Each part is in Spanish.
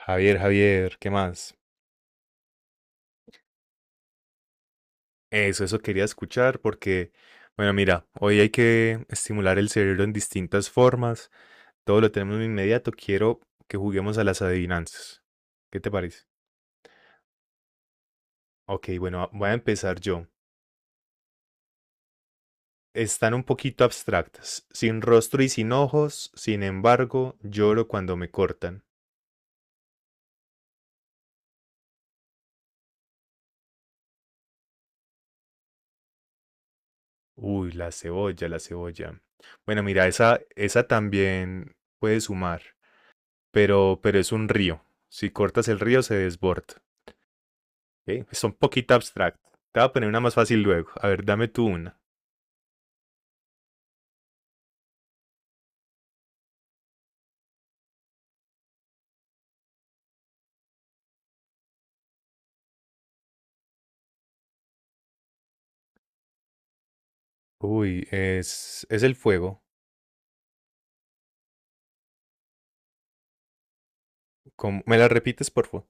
Javier, Javier, ¿qué más? Eso quería escuchar porque, bueno, mira, hoy hay que estimular el cerebro en distintas formas. Todo lo tenemos de inmediato. Quiero que juguemos a las adivinanzas. ¿Qué te parece? Ok, bueno, voy a empezar yo. Están un poquito abstractas. Sin rostro y sin ojos, sin embargo, lloro cuando me cortan. Uy, la cebolla, la cebolla. Bueno, mira, esa también puede sumar, pero es un río. Si cortas el río, se desborda. Ok, está un poquito abstract. Te voy a poner una más fácil luego. A ver, dame tú una. Uy, es el fuego. ¿Cómo- ¿Me la repites, por favor?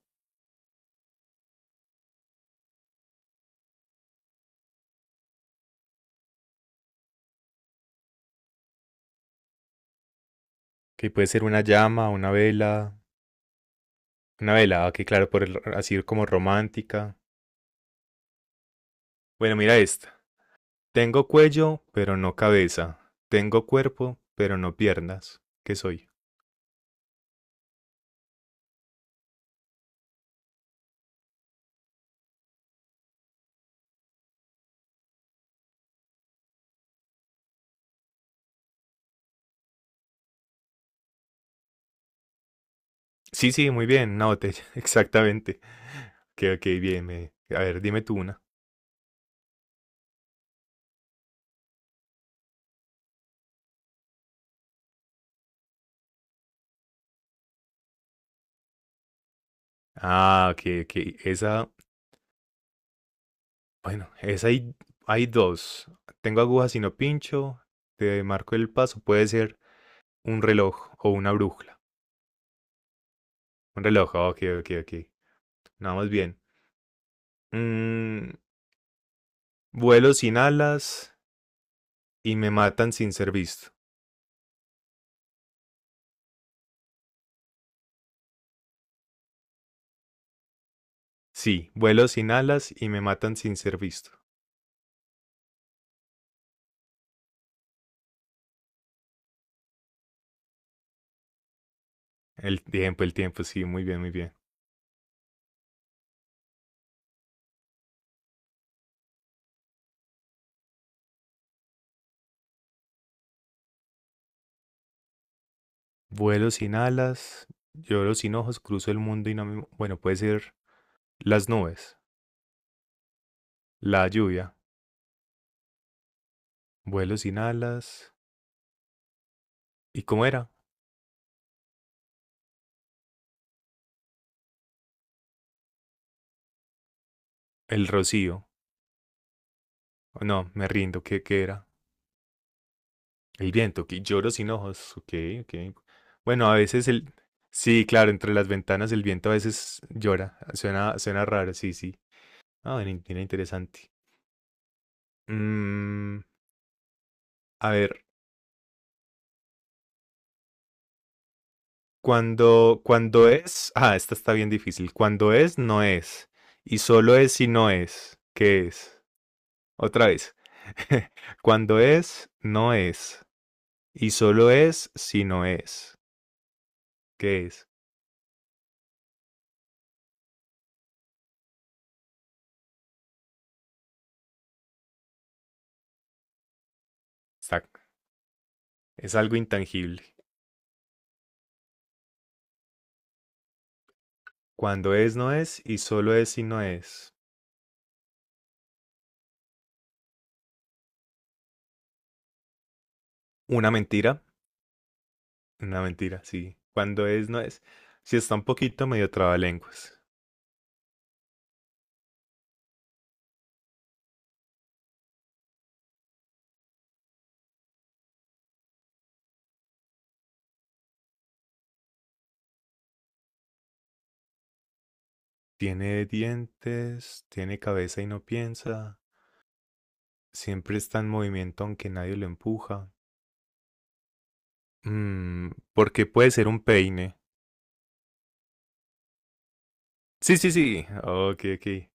Que puede ser una llama, una vela. Una vela, que claro, por el- así como romántica. Bueno, mira esta. Tengo cuello, pero no cabeza. Tengo cuerpo, pero no piernas. ¿Qué soy? Sí, sí, muy bien, una botella, exactamente. Ok, ok, bien. Me- A ver, dime tú una. Ah, ok, ok. Esa bueno, es hay, hay dos. Tengo agujas y no pincho. Te marco el paso. Puede ser un reloj o una brújula. Un reloj, ah, ok, ok, ok. Nada más bien. Mm, vuelo sin alas y me matan sin ser visto. Sí, vuelo sin alas y me matan sin ser visto. El tiempo, sí, muy bien, muy bien. Vuelo sin alas, lloro sin ojos, cruzo el mundo y no me... Bueno, puede ser las nubes, la lluvia, vuelo sin alas. ¿Y cómo era? El rocío. No, me rindo. ¿Qué, qué era? El viento, que lloro sin ojos. Ok, ok. Bueno, a veces el... Sí, claro, entre las ventanas el viento a veces llora. Suena, suena raro, sí, sí. Ah, era in- era interesante. Mm, a ver, cuando es... Ah, esta está bien difícil. Cuando es, no es. Y solo es si no es. ¿Qué es? Otra vez. Cuando es, no es. Y solo es si no es. ¿Qué es? Está- Es algo intangible. Cuando es, no es, y solo es y no es. Una mentira, una mentira, sí. Cuando es, no es. Si está un poquito medio trabalenguas. Tiene dientes, tiene cabeza y no piensa. Siempre está en movimiento aunque nadie lo empuja. Mm, porque puede ser un peine. Sí, sí, sí. Ok, ok.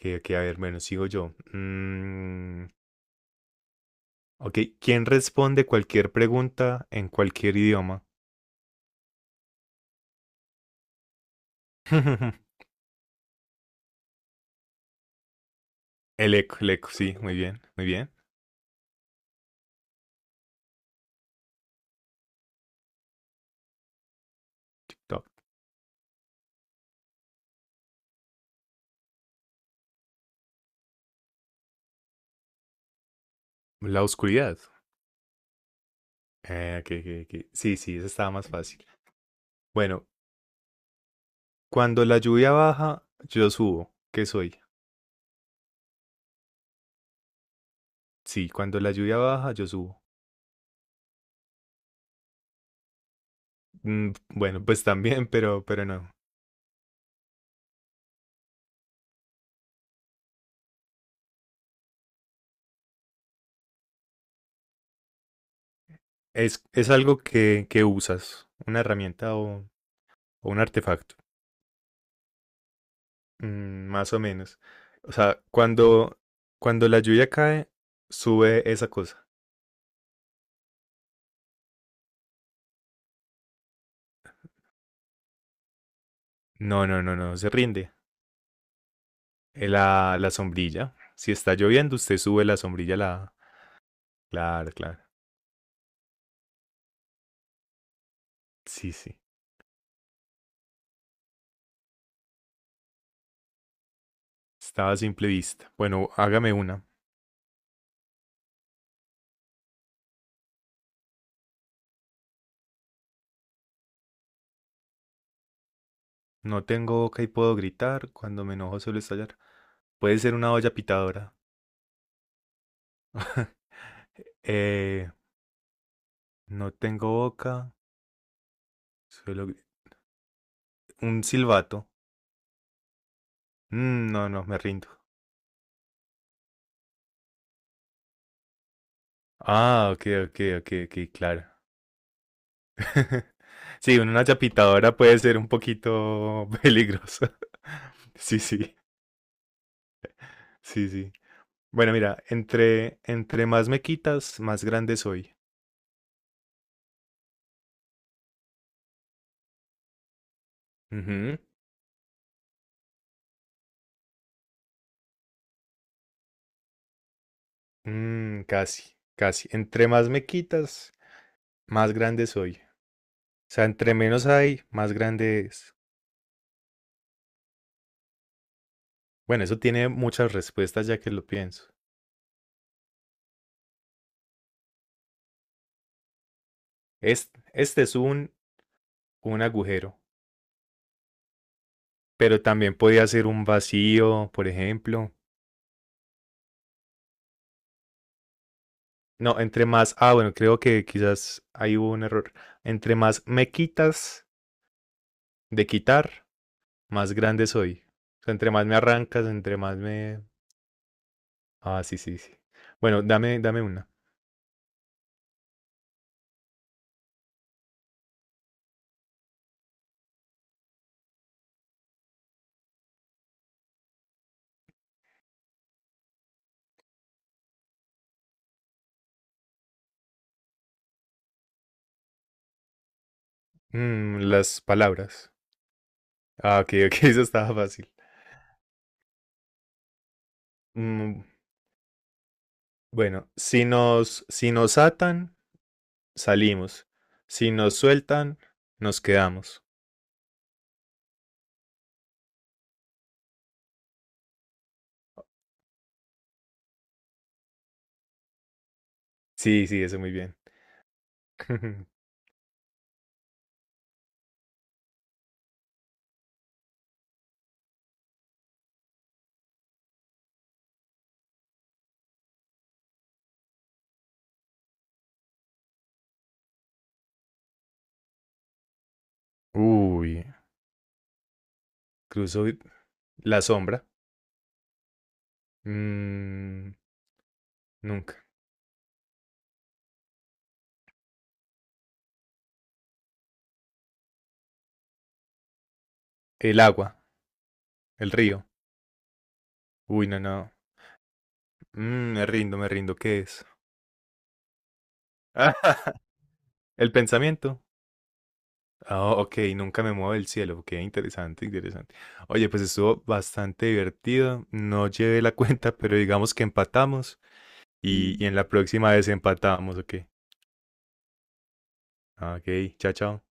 Ok, ok, a ver, bueno, sigo yo. Ok, ¿quién responde cualquier pregunta en cualquier idioma? El eco, sí, muy bien, muy bien. Top. La oscuridad. Ok, ok, ok. Sí, sí, esa estaba más fácil. Bueno, cuando la lluvia baja, yo subo. ¿Qué soy? Sí, cuando la lluvia baja, yo subo. Mm, bueno, pues también, pero no. Es algo que usas, una herramienta o un artefacto. Mm, más o menos. O sea, cuando, cuando la lluvia cae, sube esa cosa. No, no, no, no, se rinde. La, la sombrilla. Si está lloviendo, usted sube la sombrilla, a la... Claro, claro. Sí, sí. Estaba a simple vista. Bueno, hágame una. No tengo boca y puedo gritar. Cuando me enojo suelo estallar. Puede ser una olla pitadora. Eh, no tengo boca. Suelo gri- Un silbato. Mm, no, no, me rindo. Ah, ok, ok, ok, ok, claro. Sí, una olla pitadora puede ser un poquito peligrosa. Sí, sí, sí, sí. Bueno, mira, entre más me quitas, más grande soy. Ujú. Mm, casi, casi. Entre más me quitas, más grande soy. O sea, entre menos hay, más grande es. Bueno, eso tiene muchas respuestas ya que lo pienso. Es- Este, es un agujero, pero también podría ser un vacío, por ejemplo. No, entre más, ah, bueno, creo que quizás ahí hubo un error. Entre más me quitas de quitar, más grande soy. O sea, entre más me arrancas, entre más me... Ah, sí, sí, sí. Bueno, dame, dame una. Mm, las palabras. Ah, ok, ok, eso estaba fácil. Mm, bueno, si nos, si nos atan, salimos. Si nos sueltan, nos quedamos. Sí, sí, eso muy bien. Uy, cruzo y- la sombra. Mm, nunca. El agua, el río. Uy, no, no. Mm, me rindo, me rindo. ¿Qué es? El pensamiento. Oh, ok, nunca me muevo del cielo. Qué interesante, interesante. Oye, pues estuvo bastante divertido. No llevé la cuenta, pero digamos que empatamos y, y en la próxima vez empatamos, ok. Ah, ok, chao, chao.